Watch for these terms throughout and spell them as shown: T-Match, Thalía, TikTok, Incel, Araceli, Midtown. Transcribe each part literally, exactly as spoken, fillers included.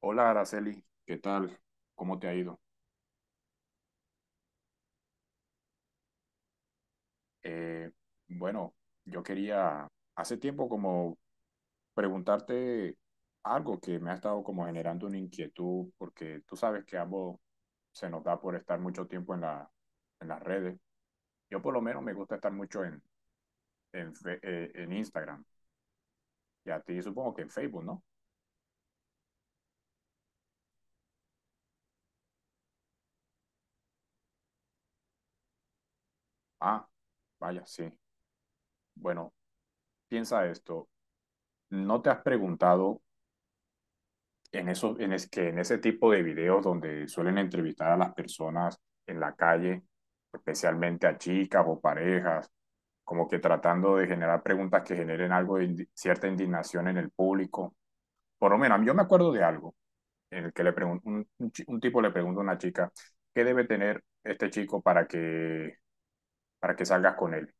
Hola, Araceli, ¿qué tal? ¿Cómo te ha ido? Eh, bueno, yo quería hace tiempo como preguntarte algo que me ha estado como generando una inquietud, porque tú sabes que ambos se nos da por estar mucho tiempo en la, en las redes. Yo por lo menos me gusta estar mucho en, en, fe- eh, en Instagram y a ti supongo que en Facebook, ¿no? Ah, vaya, sí. Bueno, piensa esto. ¿No te has preguntado? En, eso, en, es, Que en ese tipo de videos donde suelen entrevistar a las personas en la calle, especialmente a chicas o parejas, como que tratando de generar preguntas que generen algo de indi cierta indignación en el público. Por lo menos, yo me acuerdo de algo en el que le pregunto, un, un, chi- un, tipo le pregunta a una chica, ¿qué debe tener este chico para que, para que salgas con él?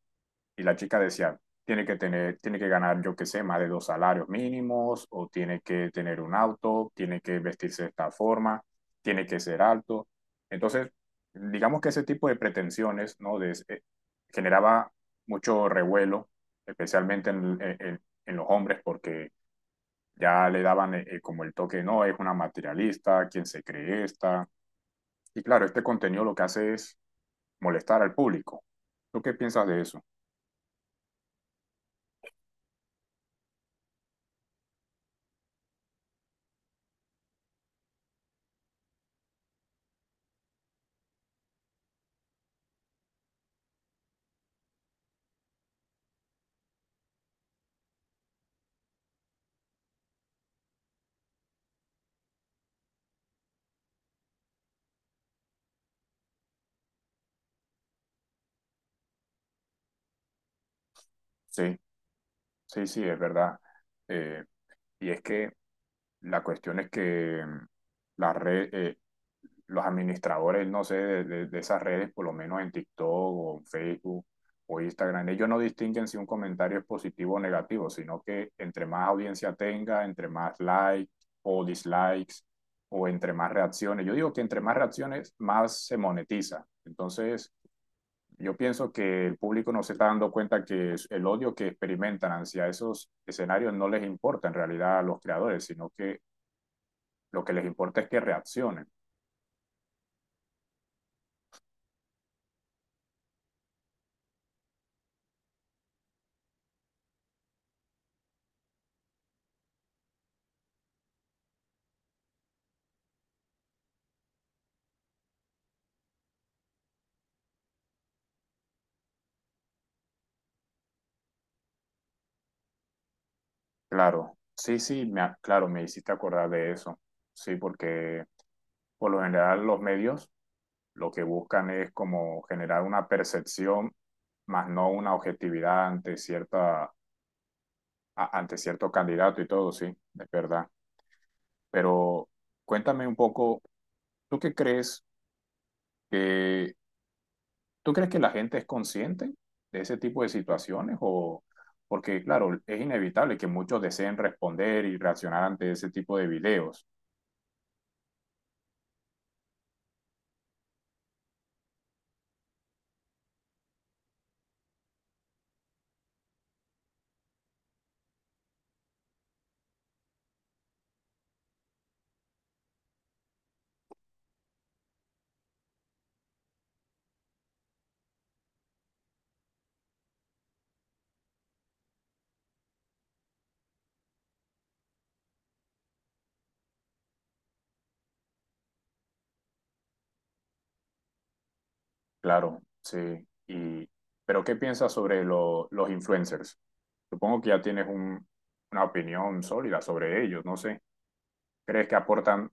Y la chica decía, tiene que tener, tiene que ganar, yo qué sé, más de dos salarios mínimos, o tiene que tener un auto, tiene que vestirse de esta forma, tiene que ser alto. Entonces, digamos que ese tipo de pretensiones, ¿no? De, eh, generaba mucho revuelo, especialmente en, eh, en, en los hombres, porque ya le daban eh, como el toque, no, es una materialista, quién se cree esta. Y claro, este contenido lo que hace es molestar al público. ¿Tú qué piensas de eso? Sí. Sí, sí, es verdad. Eh, y es que la cuestión es que mm, la red, eh, los administradores, no sé, de, de- de esas redes, por lo menos en TikTok o en Facebook o Instagram, ellos no distinguen si un comentario es positivo o negativo, sino que entre más audiencia tenga, entre más likes o dislikes o entre más reacciones. Yo digo que entre más reacciones, más se monetiza. Entonces, yo pienso que el público no se está dando cuenta que es- el odio que experimentan hacia esos escenarios no les importa en realidad a los creadores, sino que lo que les importa es que reaccionen. Claro, sí, sí, me, a- claro, me hiciste acordar de eso. Sí, porque por lo general los medios lo que buscan es como generar una percepción, más no una objetividad ante cierta, a- ante cierto candidato y todo, sí, es verdad. Pero cuéntame un poco, ¿tú qué crees que ¿Tú crees que la gente es consciente de ese tipo de situaciones? O porque, claro, es inevitable que muchos deseen responder y reaccionar ante ese tipo de videos. Claro, sí. Y, pero ¿qué piensas sobre lo- los influencers? Supongo que ya tienes un- una opinión sólida sobre ellos. No sé. ¿Crees que aportan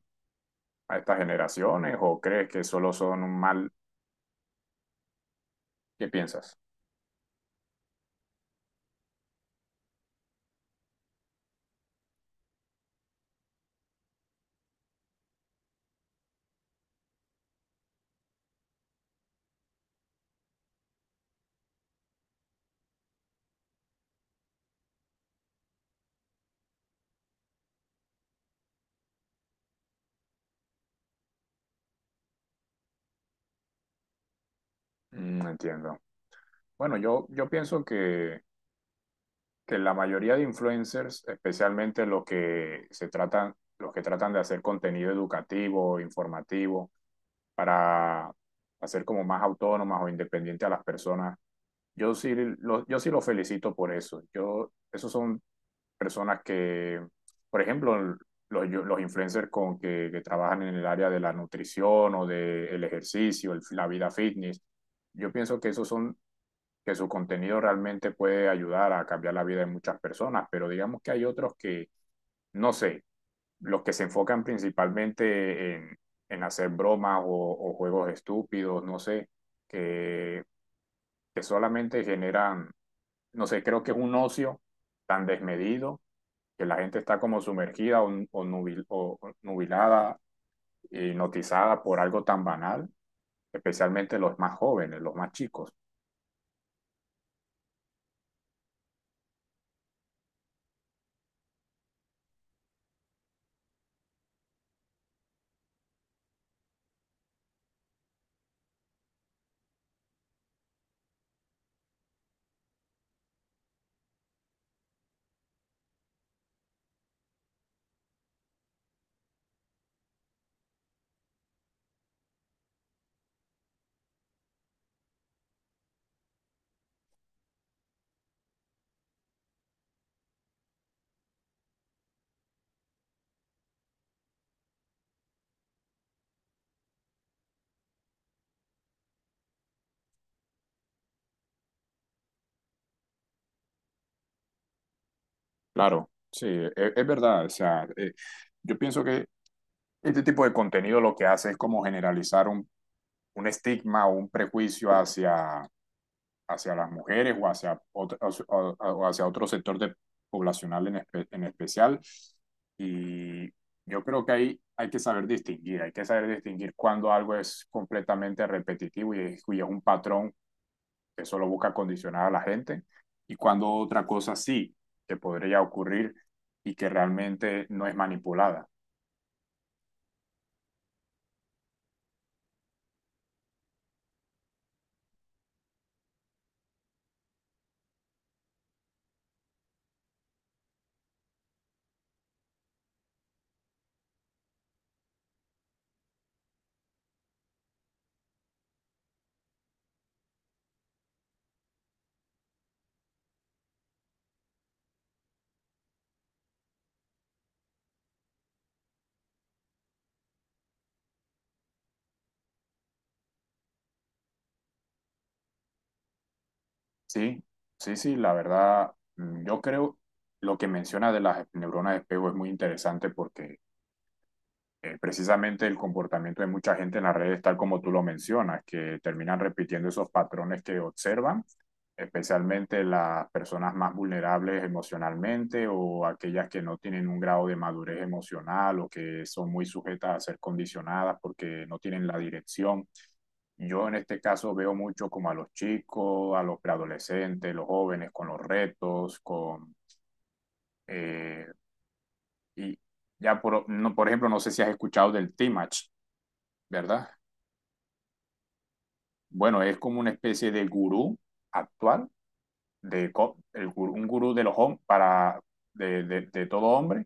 a estas generaciones o crees que solo son un mal? ¿Qué piensas? Mm, entiendo. Bueno, yo, yo pienso que que la mayoría de influencers, especialmente los que se tratan, los que tratan de hacer contenido educativo, informativo, para hacer como más autónomas o independientes a las personas, yo sí los yo sí los felicito por eso. Yo, esos son personas que, por ejemplo, los, los influencers con que, que trabajan en el área de la nutrición o del ejercicio, el- la vida fitness, yo pienso que esos son que su contenido realmente puede ayudar a cambiar la vida de muchas personas, pero digamos que hay otros que, no sé, los que se enfocan principalmente en, en hacer bromas o, o juegos estúpidos, no sé, que, que solamente generan, no sé, creo que es un ocio tan desmedido que la gente está como sumergida o, o nubil- o- o nubilada, hipnotizada por algo tan banal, especialmente los más jóvenes, los más chicos. Claro, sí, e- es, verdad. O sea, eh, yo pienso que este tipo de contenido lo que hace es como generalizar un, un estigma o un prejuicio hacia, hacia las mujeres o hacia, otro, o- o hacia otro sector de, poblacional en, espe- en especial. Y yo creo que ahí hay que saber distinguir, hay que saber distinguir cuando algo es completamente repetitivo y es, y es un patrón eso lo busca condicionar a la gente. Y cuando otra cosa sí que podría ocurrir y que realmente no es manipulada. Sí, sí, sí, la verdad, mm, yo creo lo que menciona de las neuronas de espejo es muy interesante porque eh, precisamente el comportamiento de mucha gente en las redes, tal como tú lo mencionas, que terminan repitiendo esos patrones que observan, especialmente las personas más vulnerables emocionalmente o aquellas que no tienen un grado de madurez emocional o que son muy sujetas a ser condicionadas porque no tienen la dirección. Yo en este caso veo mucho como a los chicos, a los preadolescentes, los jóvenes con los retos, con... eh, y ya por, no, por ejemplo, no sé si has escuchado del T-Match, ¿verdad? Bueno, es como una especie de gurú actual, de co- el gurú- un gurú de los hom- para de, de- de todo hombre,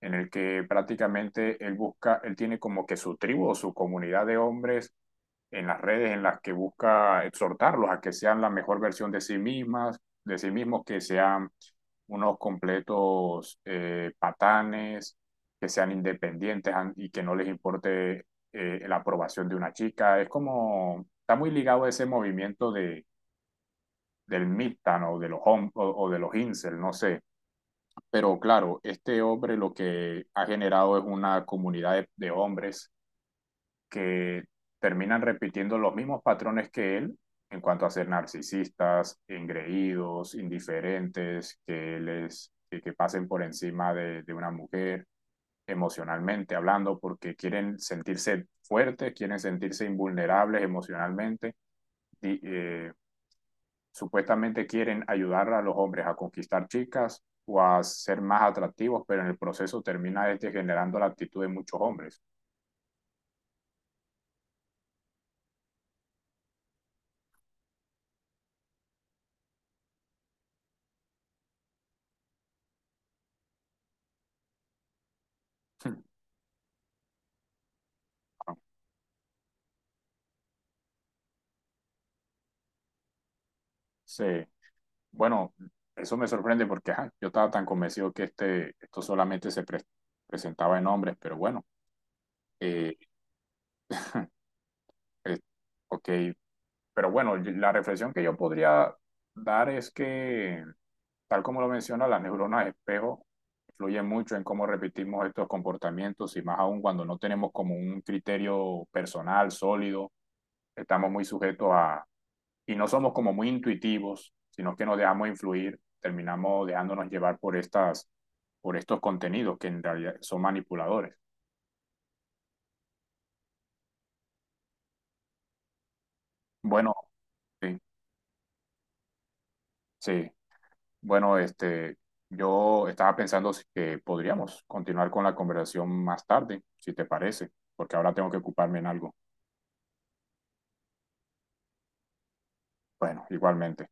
en el que prácticamente él busca, él tiene como que su tribu o su comunidad de hombres en las redes en las que busca exhortarlos a que sean la mejor versión de sí mismas, de sí mismos, que sean unos completos eh, patanes, que sean independientes y que no les importe eh, la aprobación de una chica. Es como, está muy ligado a ese movimiento de, del Midtown o de los hom o, o, de los Incel, no sé. Pero claro, este hombre lo que ha generado es una comunidad de, de hombres que terminan repitiendo los mismos patrones que él en cuanto a ser narcisistas, engreídos, indiferentes, que, les, que, que pasen por encima de, de una mujer emocionalmente hablando porque quieren sentirse fuertes, quieren sentirse invulnerables emocionalmente, y, eh, supuestamente quieren ayudar a los hombres a conquistar chicas o a ser más atractivos, pero en el proceso termina este generando la actitud de muchos hombres. Sí. Bueno, eso me sorprende porque ajá, yo estaba tan convencido que este, esto solamente se pre- presentaba en hombres, pero bueno, eh, eh, ok, pero bueno, la reflexión que yo podría dar es que, tal como lo menciona, las neuronas espejo influyen mucho en cómo repetimos estos comportamientos y más aún cuando no tenemos como un criterio personal sólido, estamos muy sujetos a y no somos como muy intuitivos, sino que nos dejamos influir, terminamos dejándonos llevar por estas, por estos contenidos que en realidad son manipuladores. Bueno, sí, sí. Bueno, este, yo estaba pensando si- que podríamos continuar con la conversación más tarde, si te parece, porque ahora tengo que ocuparme en algo. Bueno, igualmente.